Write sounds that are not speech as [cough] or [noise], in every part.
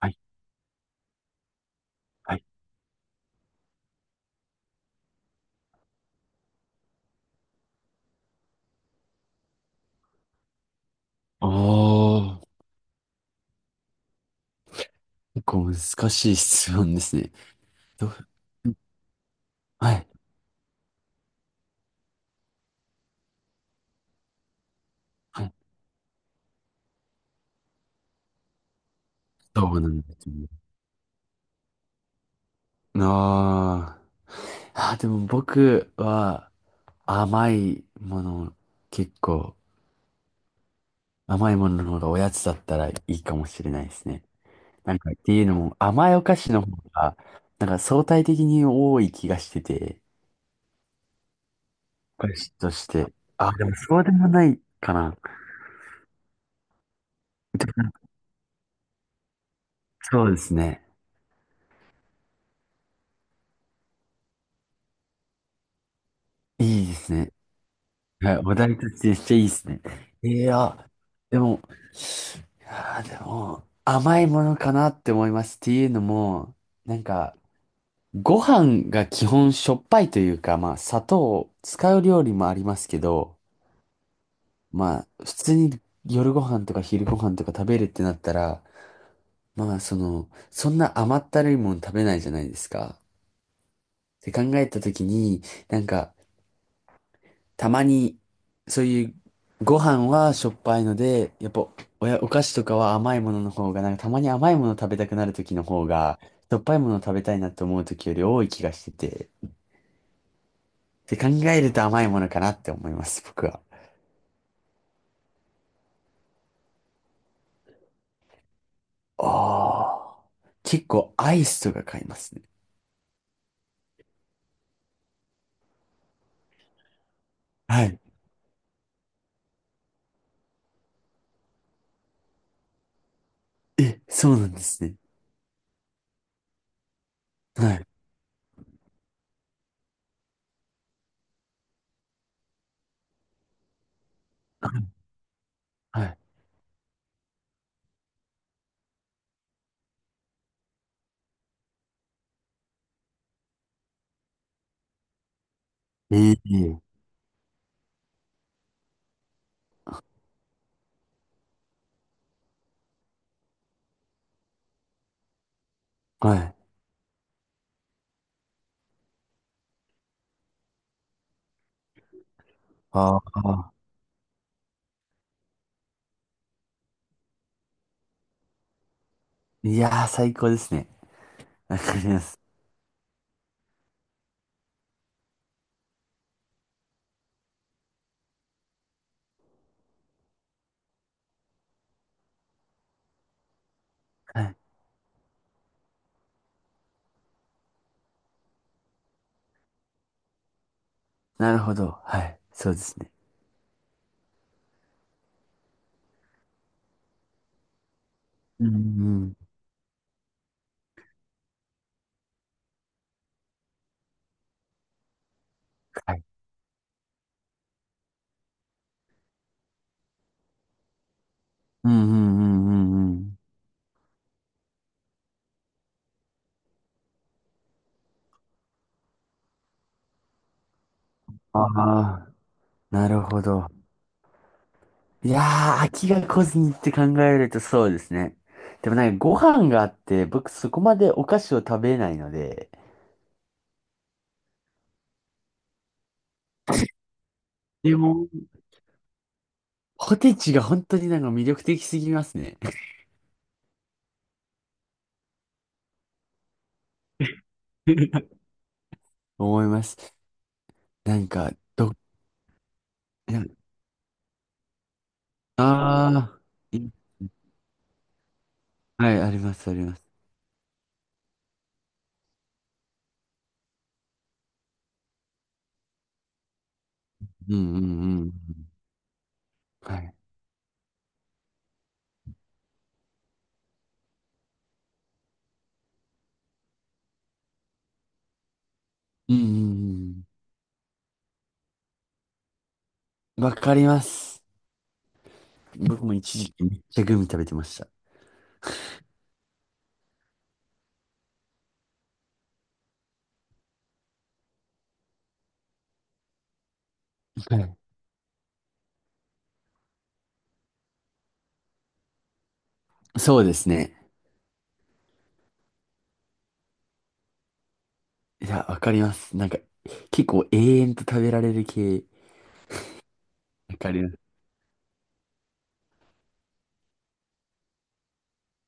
はい、はい。ああ、結構難しい質問ですね。どう、はい、はい。どうなんですね。あーあでも僕は甘いもの、結構甘いものの方がおやつだったらいいかもしれないですね。なんかっていうのも甘いお菓子の方が、なんか相対的に多い気がしてて、お菓子として。でもそうでもないかな。そうですね。いいですね。はい、お題としてめっちゃいいですね。いや、でも、いやでも、甘いものかなって思います。っていうのも、なんか、ご飯が基本しょっぱいというか、まあ、砂糖を使う料理もありますけど、まあ、普通に夜ご飯とか昼ご飯とか食べるってなったら、まあ、その、そんな甘ったるいもの食べないじゃないですか。って考えたときに、なんか、たまに、そういうご飯はしょっぱいので、やっぱお菓子とかは甘いものの方が、なんかたまに甘いもの食べたくなる時の方が、しょっぱいもの食べたいなと思う時より多い気がしてて、で考えると甘いものかなって思います、僕は。ああ、結構アイスとか買いますね。はい。え、そうなんですね。はい。はい。ええはい。ああ、いやー、最高ですね。わかります。はい。なるほど。はい。そうですね。うんうんはい。うんうんうんうんうん。ああ、なるほど。いやー、飽きが来ずにって考えるとそうですね。でもなんかご飯があって、僕そこまでお菓子を食べないので、でも、ポテチが本当になんか魅力的すぎますね。[laughs] 思います。なんか、ど、ああー、いはい、あります、あります。うんうんうん。はい。うんうんうん。わかります。僕も一時期めっちゃグミ食べてました。はいそうですね。いや、わかります。なんか、結構永遠と食べられる系。わかりま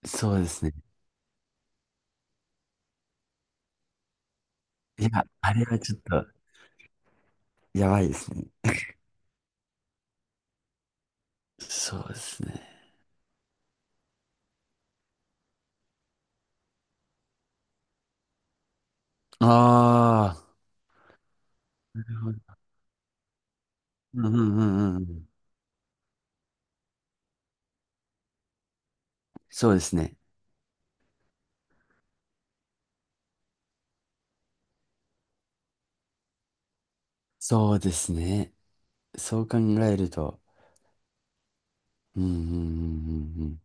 す。そうですね。いや、あれはちょっと、やばいですね。そうですね。ああ、なるほど。うんうんうんうん。そうですね。そうですね。そう考えると、うんうんうんうんうん。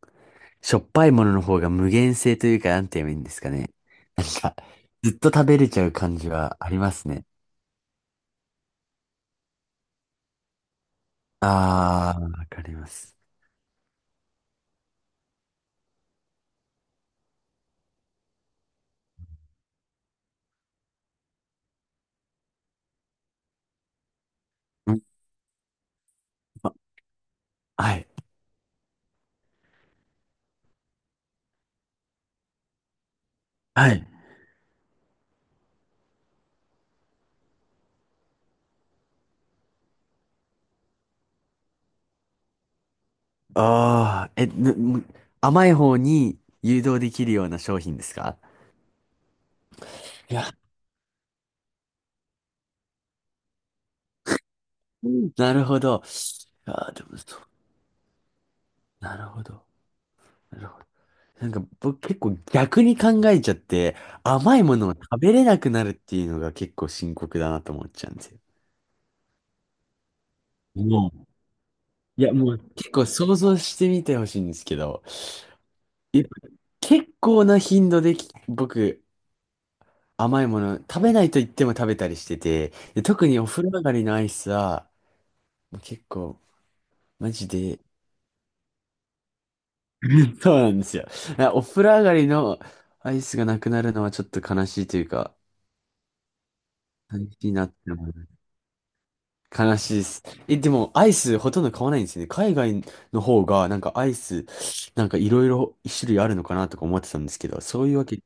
しょっぱいものの方が無限性というか、なんて言えばいいんですかね。なんか、ずっと食べれちゃう感じはありますね。ああ、わかります。うん、あはい。はい。ああ、え、ぬむ甘い方に誘導できるような商品ですか？いや、うんなるほど。ああ、でもそう、なるほど。なるほど。なんか僕結構逆に考えちゃって、甘いものを食べれなくなるっていうのが結構深刻だなと思っちゃうんですよ。もう、いやもう結構想像してみてほしいんですけど、いや結構な頻度で僕甘いもの食べないと言っても食べたりしてて、で特にお風呂上がりのアイスはもう結構マジで。[laughs] そうなんですよ。お風呂上がりのアイスがなくなるのはちょっと悲しいというか、悲しいなって思う。悲しいです。え、でも、アイスほとんど買わないんですよね。海外の方が、なんかアイス、なんかいろいろ一種類あるのかなとか思ってたんですけど、そういうわけ。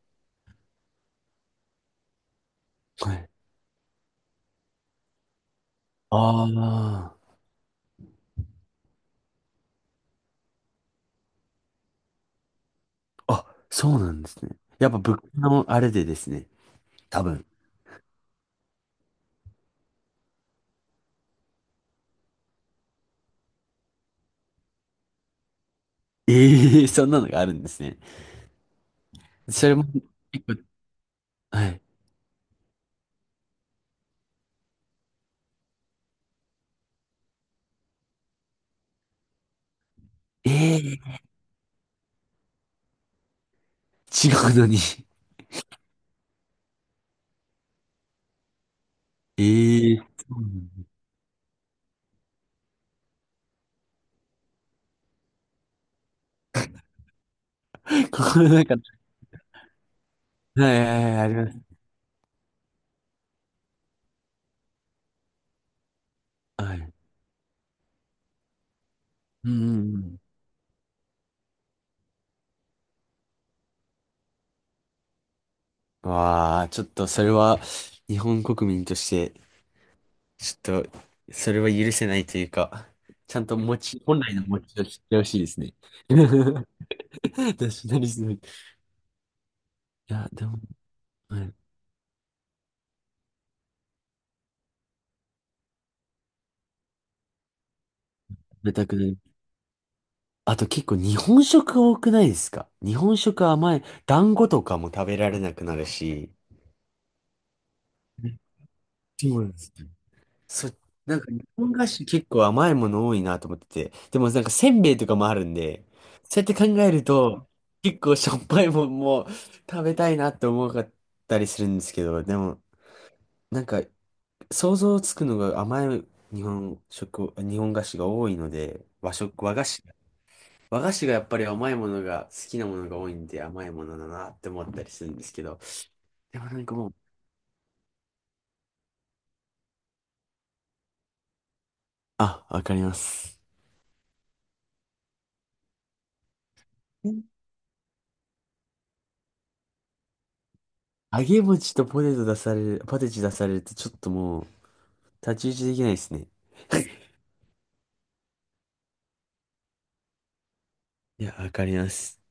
はい。ああ。あ、そうなんですね。やっぱ物価のあれでですね。多分。ええー、そんなのがあるんですね。それも、結構はい。ええー、違うのに。ええー、そう。 [laughs] 心の中の、はいはいはい、あります。はい。うんうんうん。わあ、ちょっとそれは、日本国民として、ちょっと、それは許せないというか、ちゃんと持ち、本来の持ちを知ってほしいですね。[laughs] ナショナリズム。いや、でも、はい、食べたくない。あと結構日本食多くないですか？日本食甘い、団子とかも食べられなくなるし。そうなんですそ、なんか日本菓子結構甘いもの多いなと思ってて。でもなんかせんべいとかもあるんで、そうやって考えると、結構しょっぱいもんも食べたいなって思かったりするんですけど、でもなんか想像つくのが甘い日本食、日本菓子が多いので、和食、和菓子。和菓子がやっぱり甘いものが好きなものが多いんで甘いものだなって思ったりするんですけど、でもなんかもう、あ、わかります。[laughs] 揚げ餅とポテチ出されるとちょっともう、太刀打ちできないですね。いや、わかります。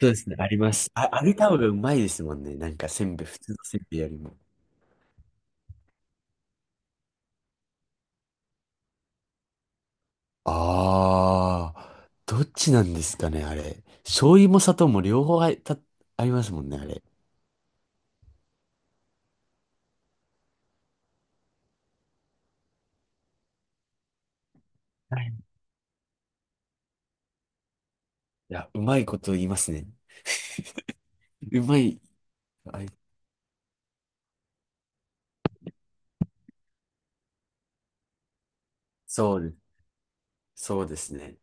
そうですね、あります。あ、揚げた方がうまいですもんね。なんかせんべい、普通のせんべいよりも。ああ、どっちなんですかね、あれ。醤油も砂糖も両方ありますもんね、あれ。はい、いや、うまいこと言いますね。うまい。あい、そうです。そうですね。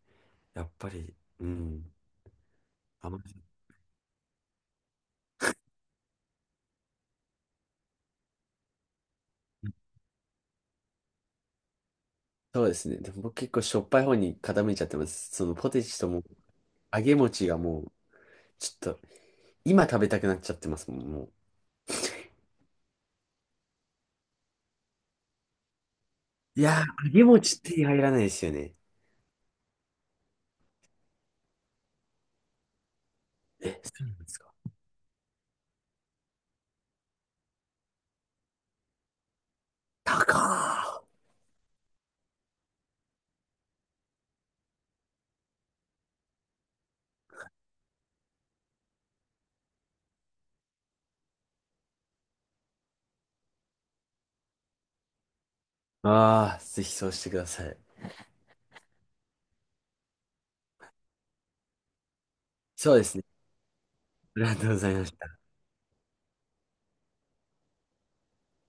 やっぱり、うん。甘いそうですね。でも僕結構しょっぱい方に傾いちゃってます。そのポテチとも揚げ餅がもう、ちょっと、今食べたくなっちゃってますもん、もう。いやー、揚げ餅手て入らないですよね。え、そうなんですか。高ー。ああ、ぜひそうしてください。そうですね。ありがとうございました。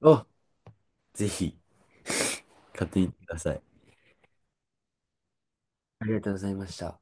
お、ぜひ、買ってみてください。ありがとうございました。